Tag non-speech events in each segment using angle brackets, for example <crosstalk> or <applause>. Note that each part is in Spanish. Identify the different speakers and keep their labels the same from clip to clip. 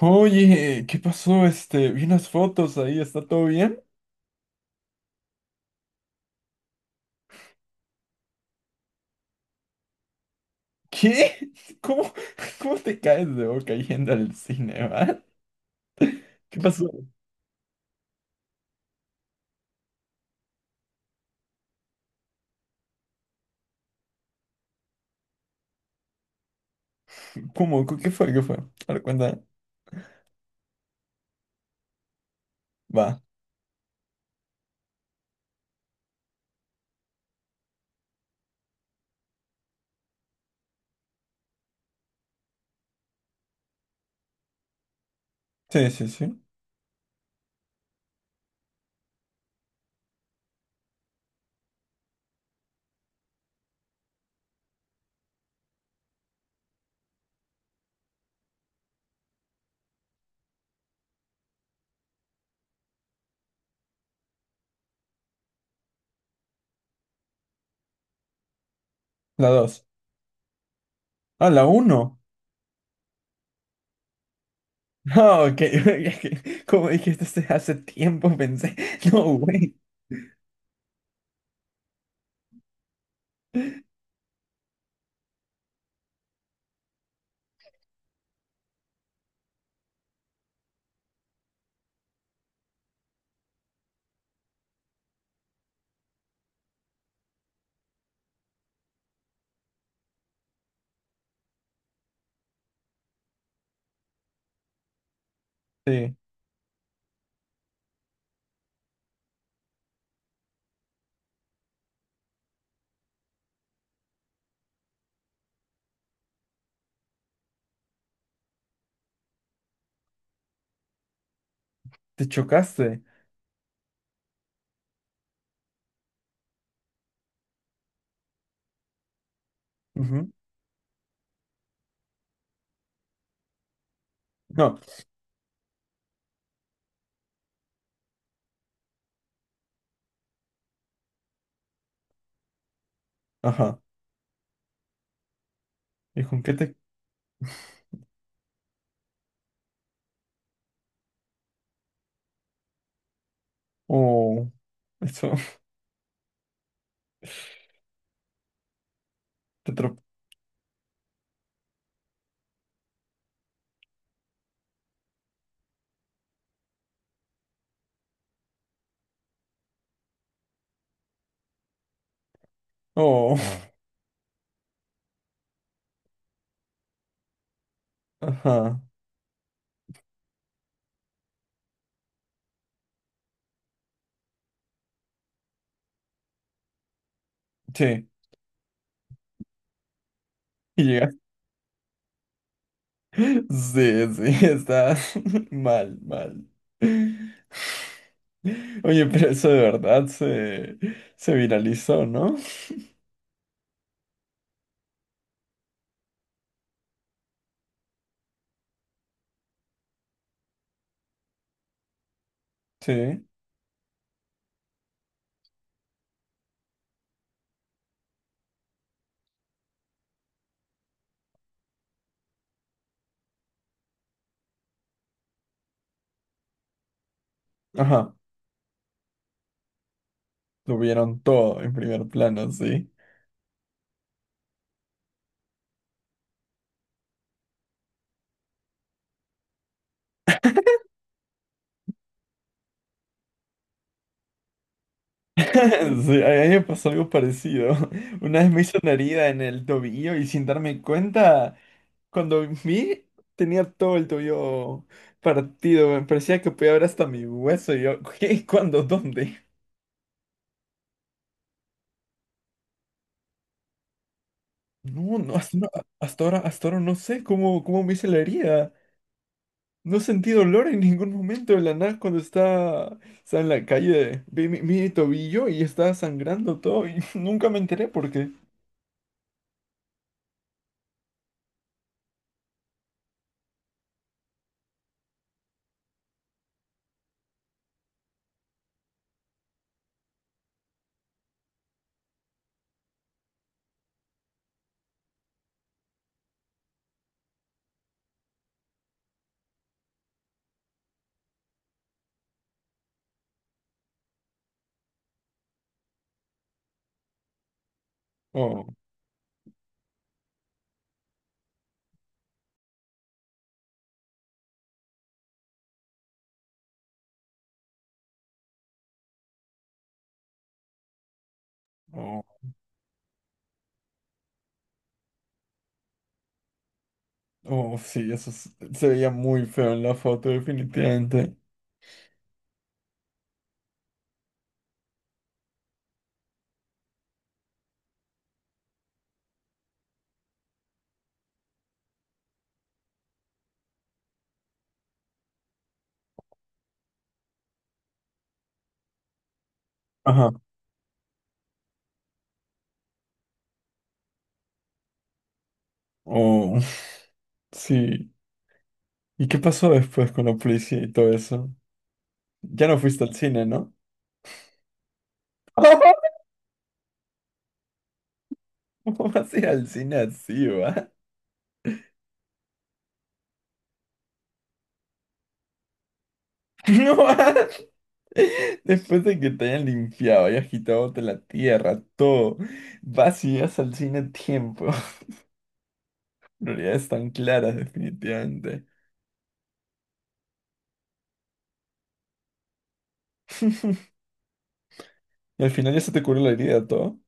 Speaker 1: Oye, ¿qué pasó? Este, vi unas fotos ahí, ¿está todo bien? ¿Qué? <laughs> ¿Cómo, cómo te caes de boca yendo al cine, va? ¿Qué pasó? ¿Cómo? ¿Qué fue? ¿Qué fue? A ver, cuenta. Va. Sí, sí, sí. La dos. Ah, la uno. Ah, ok. <laughs> Es que, como dijiste hace tiempo, pensé. <laughs> No, güey. Sí, te chocaste. Ujú. No, ajá. ¿Y con qué te...? Oh, eso, <laughs> te tro... Oh, ajá. Sí. Y llegaste. Sí, sí, está <laughs> mal, mal. Oye, pero eso de verdad se, se viralizó, ¿no? Sí. Ajá, lo vieron todo en primer plano, sí. <laughs> Sí, a mí me pasó algo parecido. <laughs> Una vez me hizo una herida en el tobillo y sin darme cuenta, cuando vi, tenía todo el tobillo partido. Me parecía que podía ver hasta mi hueso. Y yo, <laughs> ¿qué? ¿Cuándo? ¿Dónde? No, no, hasta, no, hasta ahora no sé cómo, cómo me hice la herida. No he sentido dolor en ningún momento. De la nada, cuando está, está en la calle, vi mi, mi tobillo y está sangrando todo y <laughs> nunca me enteré por qué. Oh, oh, oh, sí, eso es, se veía muy feo en la foto, definitivamente. Ajá. Oh, <laughs> sí. ¿Y qué pasó después con la policía y todo eso? Ya no fuiste al cine, ¿no? <laughs> ¿Cómo vas a ir al cine así, va? <laughs> No, <laughs> después de que te hayan limpiado y agitado de la tierra, todo, vas y llegas al cine a tiempo. <laughs> Prioridades tan claras, definitivamente. <laughs> Y al final ya se te curó la herida, todo.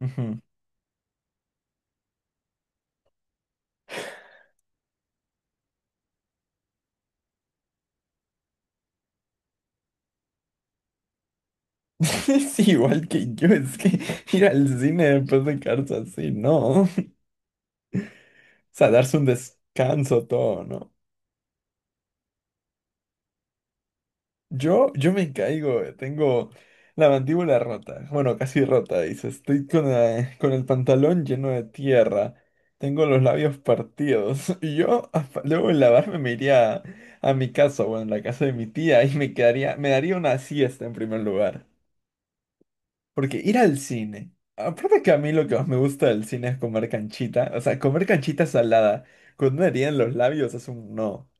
Speaker 1: Ujú. <laughs> Es igual que yo, es que <laughs> ir al cine después de quedarse así, no. <laughs> O sea, darse un descanso, todo, ¿no? Yo me caigo, tengo la mandíbula rota, bueno, casi rota, dice, estoy con, la, con el pantalón lleno de tierra, tengo los labios partidos, <laughs> y yo a, luego de lavarme me iría a, mi casa, bueno, en la casa de mi tía, y me quedaría, me daría una siesta en primer lugar, porque ir al cine, aparte que a mí lo que más me gusta del cine es comer canchita, o sea, comer canchita salada, con una herida en los labios es un no,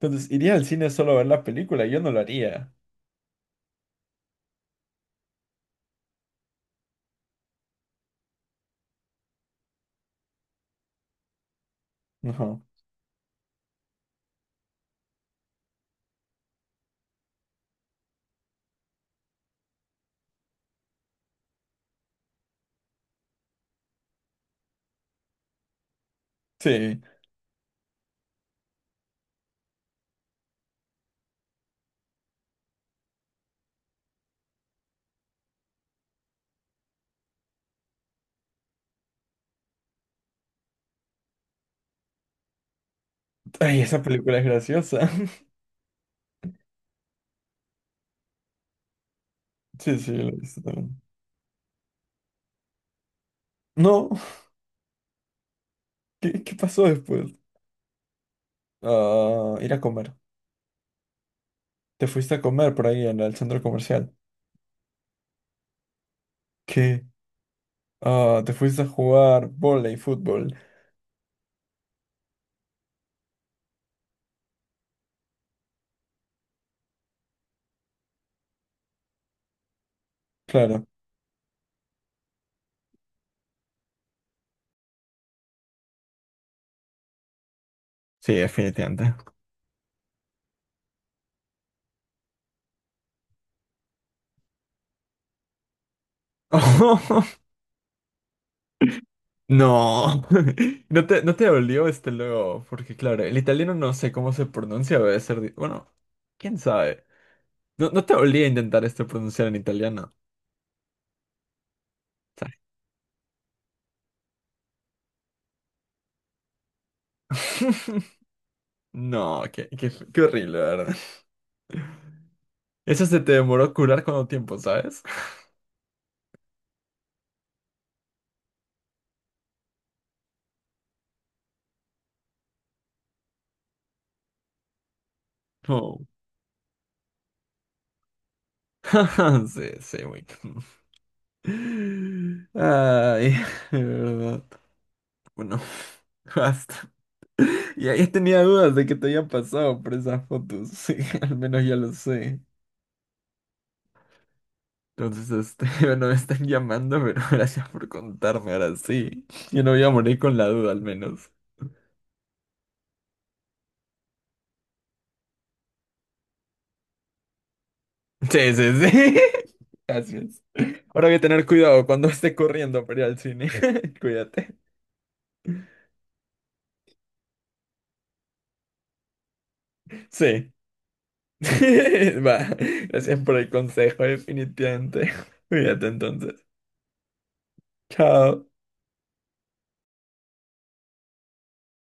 Speaker 1: entonces iría al cine solo a ver la película, yo no lo haría, <laughs> no, sí. Ay, esa película es graciosa. <laughs> Sí, sí, la he visto también. No, ¿qué, qué pasó después? Ah, ir a comer. Te fuiste a comer por ahí en el centro comercial. ¿Qué? Ah, te fuiste a jugar vóley, fútbol. Claro. Sí, definitivamente. <laughs> No. <laughs> ¿No te, no te dolió este luego? Porque claro, el italiano no sé cómo se pronuncia, debe ser... di... bueno, quién sabe. No, no te dolía intentar este pronunciar en italiano. ¿Sabes? <laughs> No, qué, qué, qué horrible, la ¿verdad? Eso se te demoró curar cuánto tiempo, ¿sabes? Oh. <laughs> Sí, sí, güey. Ay, de verdad. Bueno, basta. Y ahí tenía dudas de que te habían pasado por esas fotos. Sí, <laughs> al menos ya lo sé. Entonces, este, <laughs> bueno, me están llamando, pero <laughs> gracias por contarme ahora sí. Yo no voy a morir con la duda, al menos. Sí, sí, sí. <laughs> Gracias. Ahora voy a tener cuidado cuando esté corriendo para ir al cine. <laughs> Cuídate. Sí. <laughs> Va, gracias por el consejo, definitivamente. <laughs> Cuídate entonces. Chao.